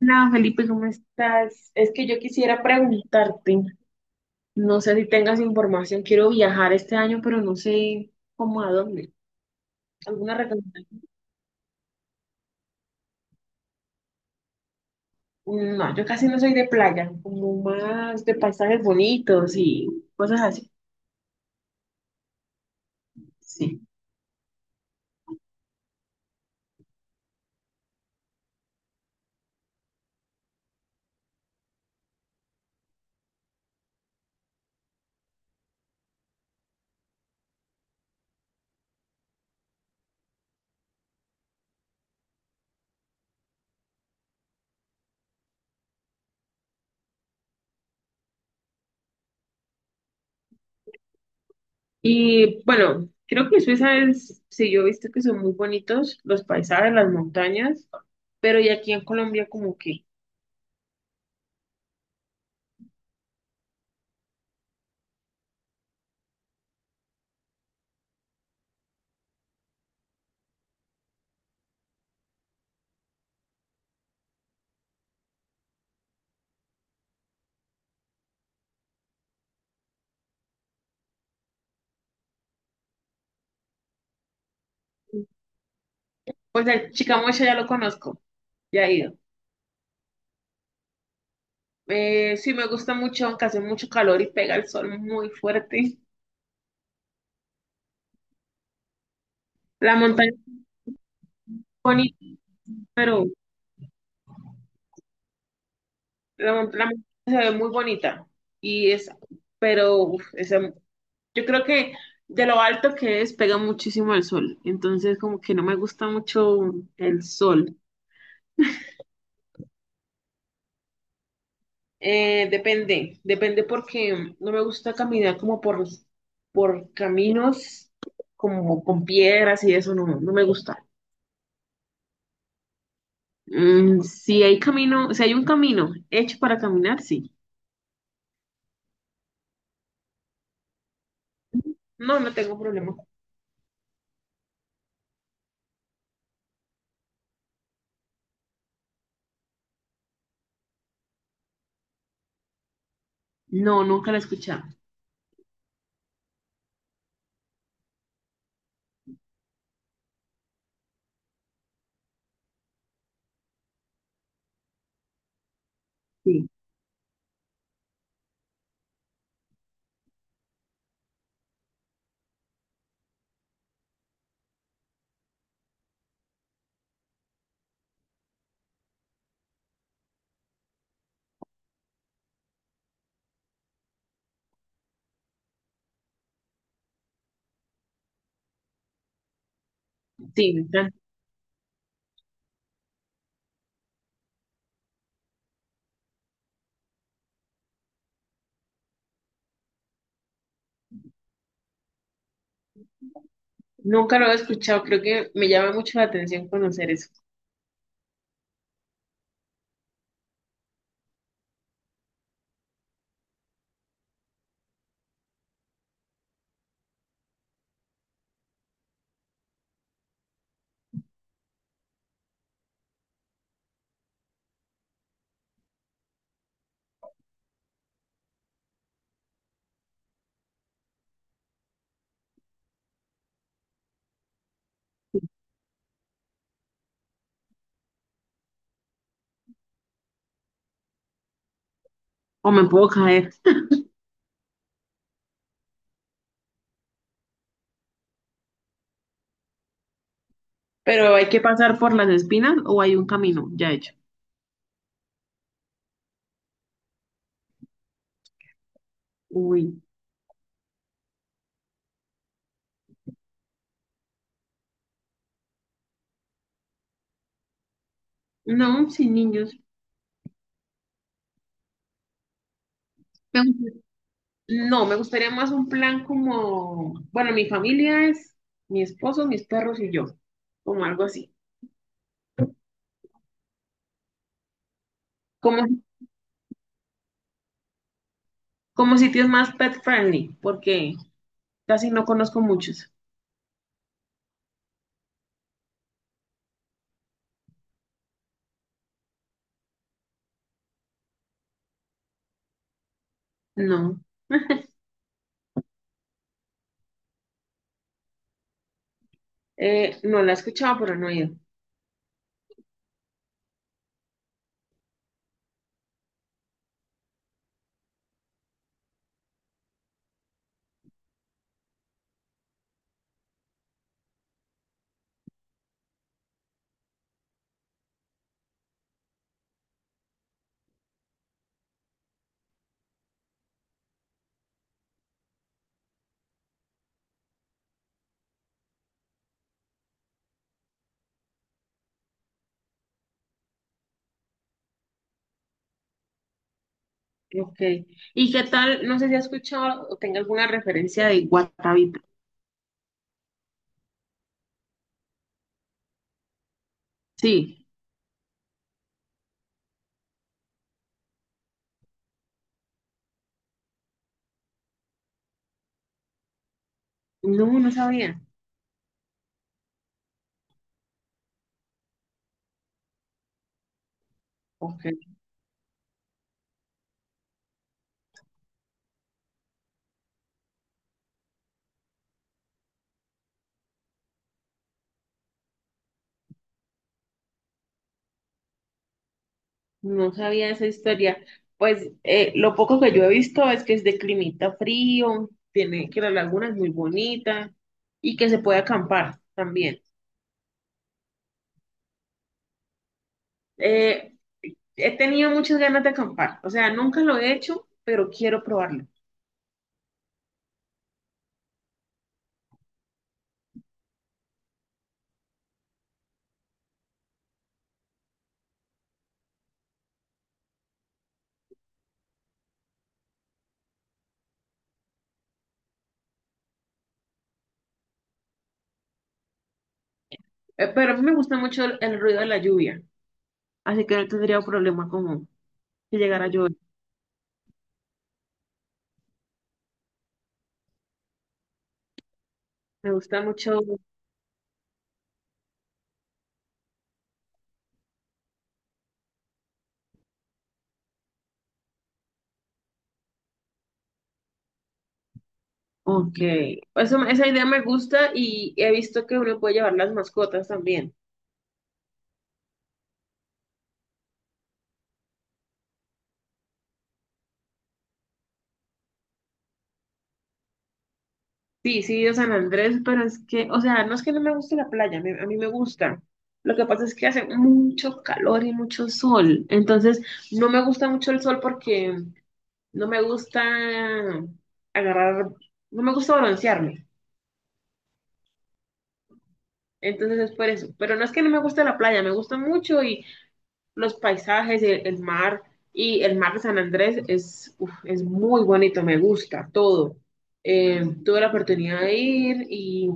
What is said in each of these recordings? Hola Felipe, ¿cómo estás? Es que yo quisiera preguntarte, no sé si tengas información, quiero viajar este año, pero no sé cómo a dónde. ¿Alguna recomendación? No, yo casi no soy de playa, como más de paisajes bonitos y cosas así. Sí. Y bueno, creo que Suiza es, sí, yo he visto que son muy bonitos los paisajes, las montañas, pero y aquí en Colombia como que, pues el Chicamocha ya lo conozco, ya he ido. Sí, me gusta mucho, aunque hace mucho calor y pega el sol muy fuerte. La montaña es bonita, pero la montaña se ve muy bonita. Y es, pero uf, yo creo que de lo alto que es, pega muchísimo el sol. Entonces, como que no me gusta mucho el sol. Depende, depende porque no me gusta caminar como por caminos, como con piedras y eso, no, no me gusta. Mm, si hay camino, si hay un camino hecho para caminar, sí. No, no tengo problema. No, nunca lo he escuchado. Sí, sí, nunca, nunca lo he escuchado. Creo que me llama mucho la atención conocer eso. O me puedo caer. Pero hay que pasar por las espinas o hay un camino ya hecho. Uy, no, sin niños. No, me gustaría más un plan como, bueno, mi familia es mi esposo, mis perros y yo, como algo así. Como, como sitios más pet friendly, porque casi no conozco muchos. No, no la he escuchado, pero no he ido. Ok. ¿Y qué tal? No sé si has escuchado o tenga alguna referencia de Guatavita. Sí, no, no sabía. Ok. No sabía esa historia. Pues lo poco que yo he visto es que es de climita frío, tiene que la laguna es muy bonita y que se puede acampar también. Eh, He tenido muchas ganas de acampar, o sea, nunca lo he hecho, pero quiero probarlo. Pero a mí me gusta mucho el ruido de la lluvia, así que no tendría problema con que llegara a llover. Me gusta mucho. Ok. Eso, esa idea me gusta y he visto que uno puede llevar las mascotas también. Sí, sí, he ido a San Andrés, pero es que, o sea, no es que no me guste la playa, me- a mí me gusta. Lo que pasa es que hace mucho calor y mucho sol, entonces no me gusta mucho el sol porque no me gusta agarrar, no me gusta broncearme. Entonces es por eso. Pero no es que no me guste la playa, me gusta mucho y los paisajes, el mar y el mar de San Andrés es, uf, es muy bonito, me gusta todo. Tuve la oportunidad de ir y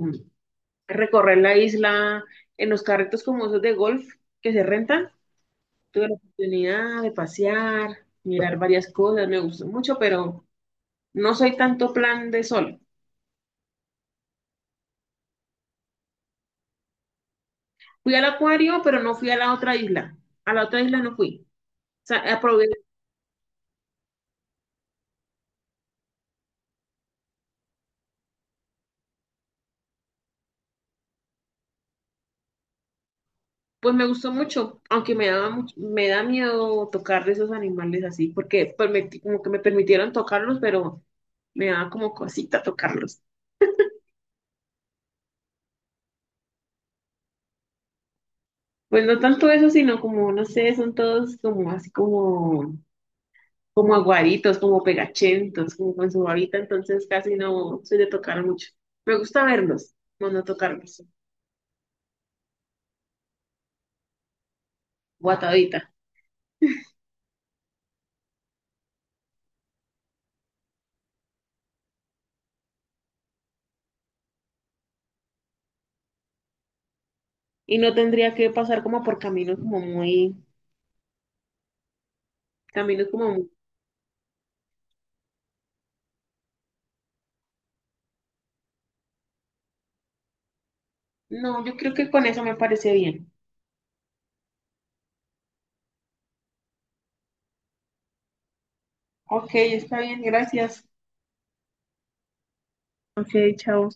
recorrer la isla en los carritos como esos de golf que se rentan. Tuve la oportunidad de pasear, mirar varias cosas, me gustó mucho, pero no soy tanto plan de sol. Fui al acuario, pero no fui a la otra isla. A la otra isla no fui. O sea, aprobé, pues me gustó mucho, aunque me daba mucho, me da miedo tocar de esos animales así, porque permití- como que me permitieron tocarlos, pero me daba como cosita tocarlos. Pues no tanto eso, sino como, no sé, son todos como así como, como aguaditos, como pegachentos, como con su babita, entonces casi no soy de tocar mucho. Me gusta verlos, no no tocarlos, guatadita. Y no tendría que pasar como por caminos como muy También es como, no, yo creo que con eso me parece bien. Ok, está bien, gracias. Ok, chao.